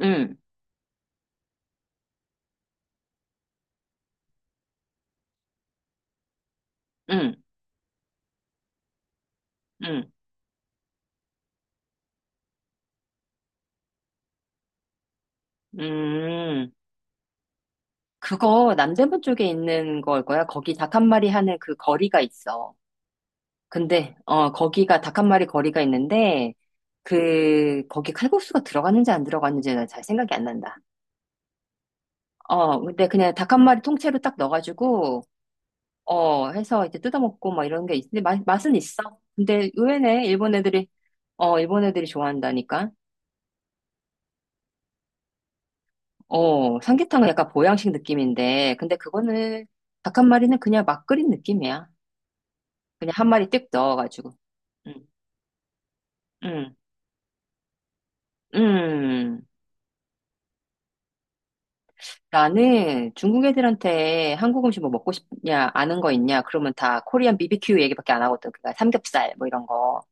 응, 응, 응, 음. 그거 남대문 쪽에 있는 걸 거야. 거기 닭 한 마리 하는 그 거리가 있어. 근데, 거기가 닭 한 마리 거리가 있는데, 그, 거기 칼국수가 들어갔는지 안 들어갔는지는 잘 생각이 안 난다. 근데 그냥 닭 한 마리 통째로 딱 넣어가지고, 해서 이제 뜯어먹고 막 이런 게 있는데, 맛, 맛은 있어. 근데 의외네, 일본 애들이, 일본 애들이 좋아한다니까. 삼계탕은 약간 보양식 느낌인데, 근데 그거는 닭 한 마리는 그냥 막 끓인 느낌이야. 그냥 한 마리 띡 넣어가지고. 응, 응, 응. 나는 중국 애들한테 한국 음식 뭐 먹고 싶냐, 아는 거 있냐, 그러면 다 코리안 BBQ 얘기밖에 안 하거든. 그니까 삼겹살 뭐 이런 거.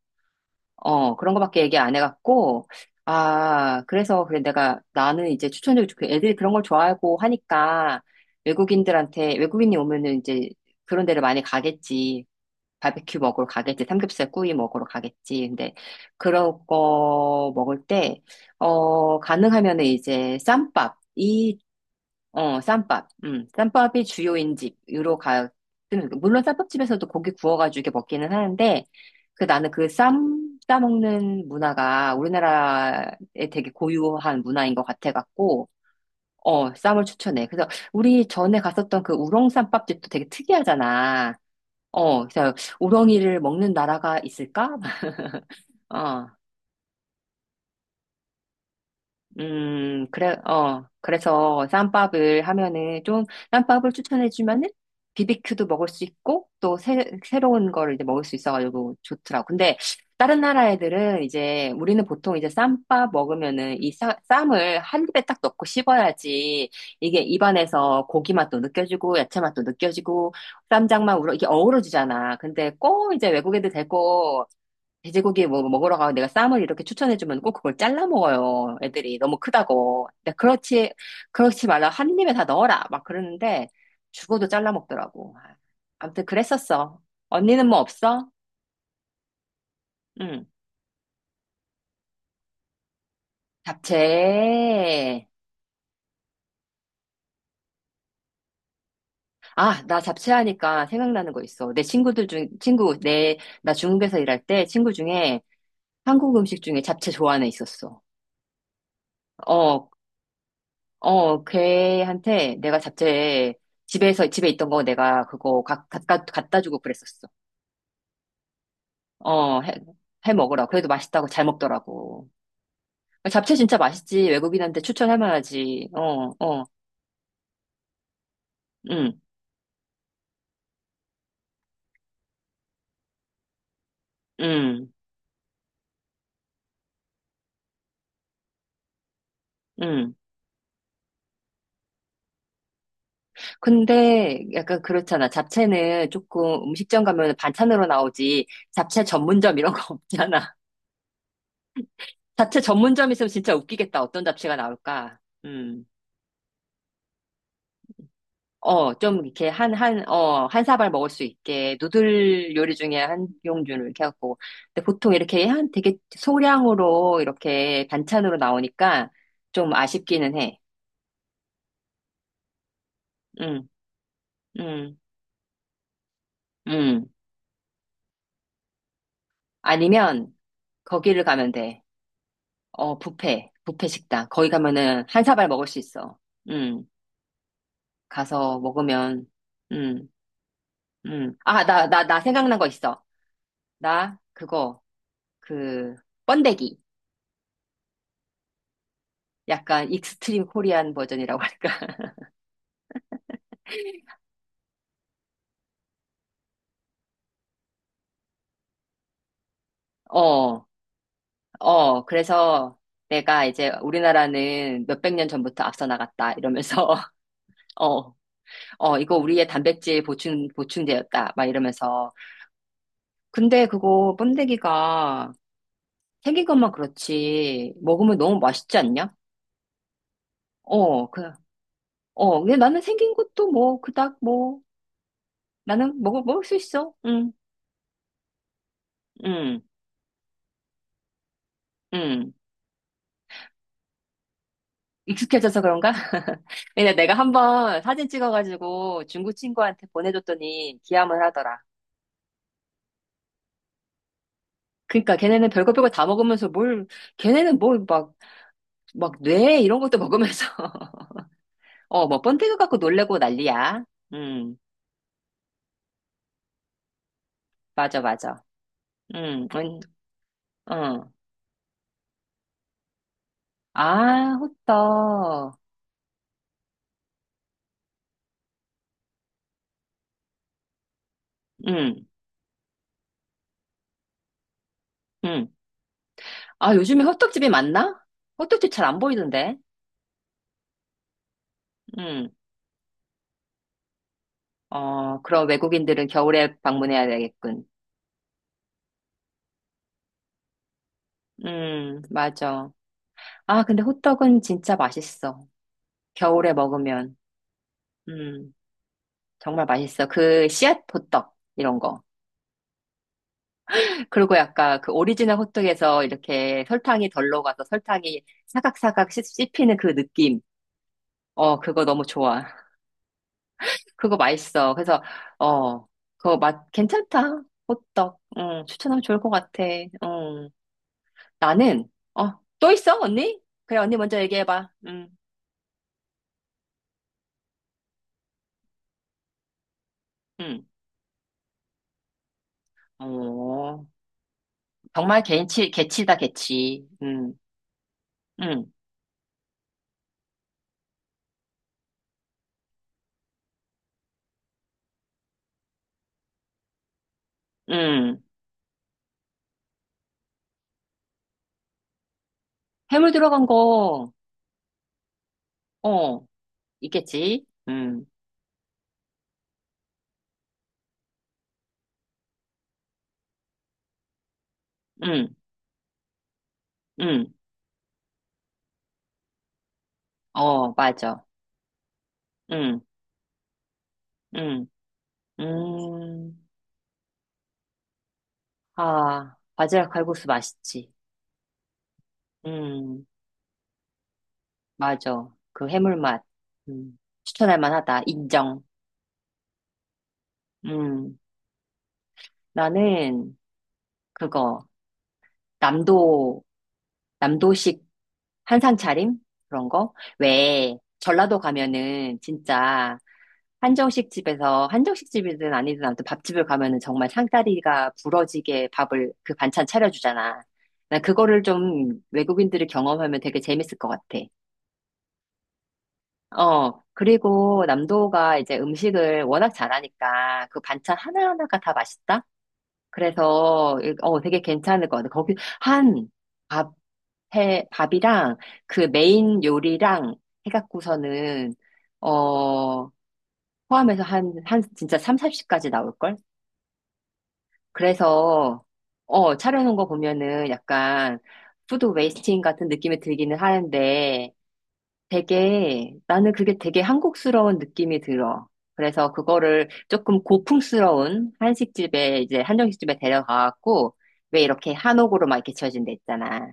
그런 거밖에 얘기 안 해갖고, 아, 그래서, 그래, 나는 이제 그 애들이 그런 걸 좋아하고 하니까, 외국인들한테, 외국인이 오면은 이제 그런 데를 많이 가겠지. 바베큐 먹으러 가겠지. 삼겹살 구이 먹으러 가겠지. 근데, 그런 거 먹을 때, 가능하면은 이제 쌈밥. 이 쌈밥. 쌈밥이 주요인 집으로 가, 물론 쌈밥집에서도 고기 구워가지고 이렇게 먹기는 하는데, 그 나는 싸먹는 문화가 우리나라에 되게 고유한 문화인 것 같아갖고, 쌈을 추천해. 그래서 우리 전에 갔었던 그 우렁 쌈밥집도 되게 특이하잖아. 그래서 우렁이를 먹는 나라가 있을까? 어. 그래, 그래서 쌈밥을 하면은 좀, 쌈밥을 추천해주면은 비비큐도 먹을 수 있고, 또 새, 새로운 거를 이제 먹을 수 있어가지고 좋더라고. 근데 다른 나라 애들은 이제, 우리는 보통 이제 쌈밥 먹으면은 이 쌈, 쌈을 한 입에 딱 넣고 씹어야지, 이게 입안에서 고기 맛도 느껴지고, 야채 맛도 느껴지고, 쌈장만 우러, 이게 어우러지잖아. 근데 꼭 이제 외국 애들 데리고, 돼지고기 뭐 먹으러 가고 내가 쌈을 이렇게 추천해주면 꼭 그걸 잘라 먹어요. 애들이 너무 크다고. 근데 그렇지, 그렇지 말라. 한 입에 다 넣어라. 막 그러는데 죽어도 잘라 먹더라고. 아, 아무튼 그랬었어. 언니는 뭐 없어? 응. 잡채. 아, 나 잡채 하니까 생각나는 거 있어. 내 친구들 중, 친구, 내, 나 중국에서 일할 때 친구 중에 한국 음식 중에 잡채 좋아하는 애 있었어. 어, 어, 걔한테 내가 잡채 집에서 집에 있던 거 내가 그거 갖다 주고 그랬었어. 어, 해, 해 먹으라. 그래도 맛있다고 잘 먹더라고. 잡채 진짜 맛있지. 외국인한테 추천할 만하지. 어, 어, 응, 응, 응. 근데 약간 그렇잖아. 잡채는 조금 음식점 가면 반찬으로 나오지. 잡채 전문점 이런 거 없잖아. 잡채 전문점 있으면 진짜 웃기겠다. 어떤 잡채가 나올까? 응. 좀 이렇게 한 사발 먹을 수 있게 누들 요리 중에 한 종류를 이렇게 하고. 근데 보통 이렇게 한 되게 소량으로 이렇게 반찬으로 나오니까 좀 아쉽기는 해. 응, 응, 응. 아니면 거기를 가면 돼. 뷔페, 뷔페 식당. 거기 가면은 한 사발 먹을 수 있어. 응, 가서 먹으면, 응, 응. 아, 나 생각난 거 있어. 나, 그, 번데기. 약간 익스트림 코리안 버전이라고 할까? 어, 그래서 내가 이제 우리나라는 몇백 년 전부터 앞서 나갔다 이러면서, 어, 이거 우리의 단백질 보충제였다 막 이러면서. 근데 그거 번데기가 생긴 것만 그렇지, 먹으면 너무 맛있지 않냐? 어, 그, 근데 나는 생긴 것도 뭐, 그닥 뭐, 나는 먹을 수 있어. 응, 응, 응. 익숙해져서 그런가? 근데 내가 한번 사진 찍어가지고 중국 친구한테 보내줬더니 기함을 하더라. 그러니까 걔네는 별거 별거 다 먹으면서 뭘, 걔네는 뭘 막, 막 뇌 이런 것도 먹으면서. 뭐 번데기 갖고 놀래고 난리야. 음, 맞아, 맞아. 음, 음, 어. 아, 호떡. 음, 음. 아, 요즘에 호떡집이 많나? 호떡집 잘 안 보이던데. 음, 그럼 외국인들은 겨울에 방문해야 되겠군. 맞아. 아, 근데 호떡은 진짜 맛있어. 겨울에 먹으면. 음, 정말 맛있어. 그 씨앗 호떡, 이런 거. 그리고 약간 그 오리지널 호떡에서 이렇게 설탕이 덜 녹아서 설탕이 사각사각 씹히는 그 느낌. 어, 그거 너무 좋아. 그거 맛있어. 그래서, 어, 그거 맛, 괜찮다. 호떡. 응, 추천하면 좋을 것 같아. 응. 나는, 또 있어, 언니? 그래, 언니 먼저 얘기해봐. 음. 어, 정말 개치, 개치다, 개치. 음. 응, 응. 해물 들어간 거, 어, 있겠지. 응, 응, 응. 어, 맞아. 응, 응, 음. 아, 바지락 칼국수 맛있지. 응, 맞아. 그 해물 맛. 음, 추천할 만하다. 인정. 응. 나는 그거, 남도 남도식 한상 차림? 그런 거? 왜 전라도 가면은 진짜 한정식 집에서 한정식 집이든 아니든 아무튼 밥집을 가면은 정말 상다리가 부러지게 밥을 그 반찬 차려주잖아. 난 그거를 좀 외국인들이 경험하면 되게 재밌을 것 같아. 그리고 남도가 이제 음식을 워낙 잘하니까 그 반찬 하나하나가 다 맛있다? 그래서 되게 괜찮을 것 같아. 거기 한 밥, 밥이랑 그 메인 요리랑 해갖고서는 어 포함해서 한 진짜 3, 4십까지 나올걸? 그래서 차려놓은 거 보면은 약간 푸드 웨이스팅 같은 느낌이 들기는 하는데 되게, 나는 그게 되게 한국스러운 느낌이 들어. 그래서 그거를 조금 고풍스러운 한식집에, 이제 한정식집에 데려가갖고, 왜 이렇게 한옥으로 막 이렇게 지어진 데 있잖아.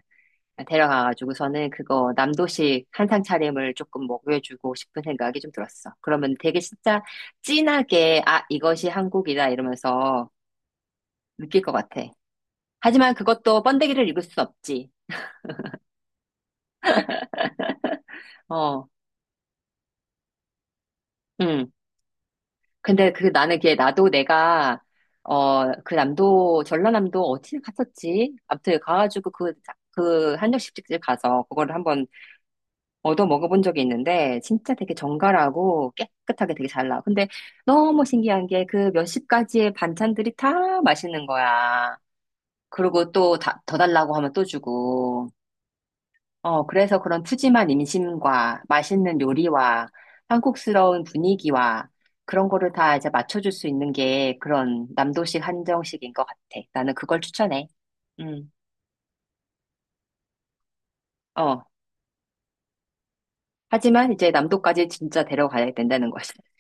데려가가지고서는 그거 남도식 한상 차림을 조금 먹여주고 싶은 생각이 좀 들었어. 그러면 되게 진짜 진하게, 아, 이것이 한국이다 이러면서 느낄 것 같아. 하지만 그것도 번데기를 익을 수 없지. 어, 응. 근데 그 나는 그게 나도 내가 그 남도 전라남도 어디 갔었지? 아무튼 가가지고 그 한정식집집 가서 그거를 한번 얻어 먹어본 적이 있는데 진짜 되게 정갈하고 깨끗하게 되게 잘 나와. 근데 너무 신기한 게 그 몇십 가지의 반찬들이 다 맛있는 거야. 그리고 또 다, 더 달라고 하면 또 주고. 어, 그래서 그런 푸짐한 임신과 맛있는 요리와 한국스러운 분위기와 그런 거를 다 이제 맞춰줄 수 있는 게 그런 남도식 한정식인 것 같아. 나는 그걸 추천해. 음, 어. 하지만 이제 남도까지 진짜 데려가야 된다는 거지.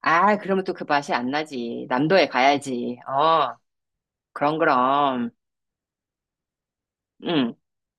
아, 그러면 또 그 맛이 안 나지. 남도에 가야지. 어, 그럼, 그럼. 음.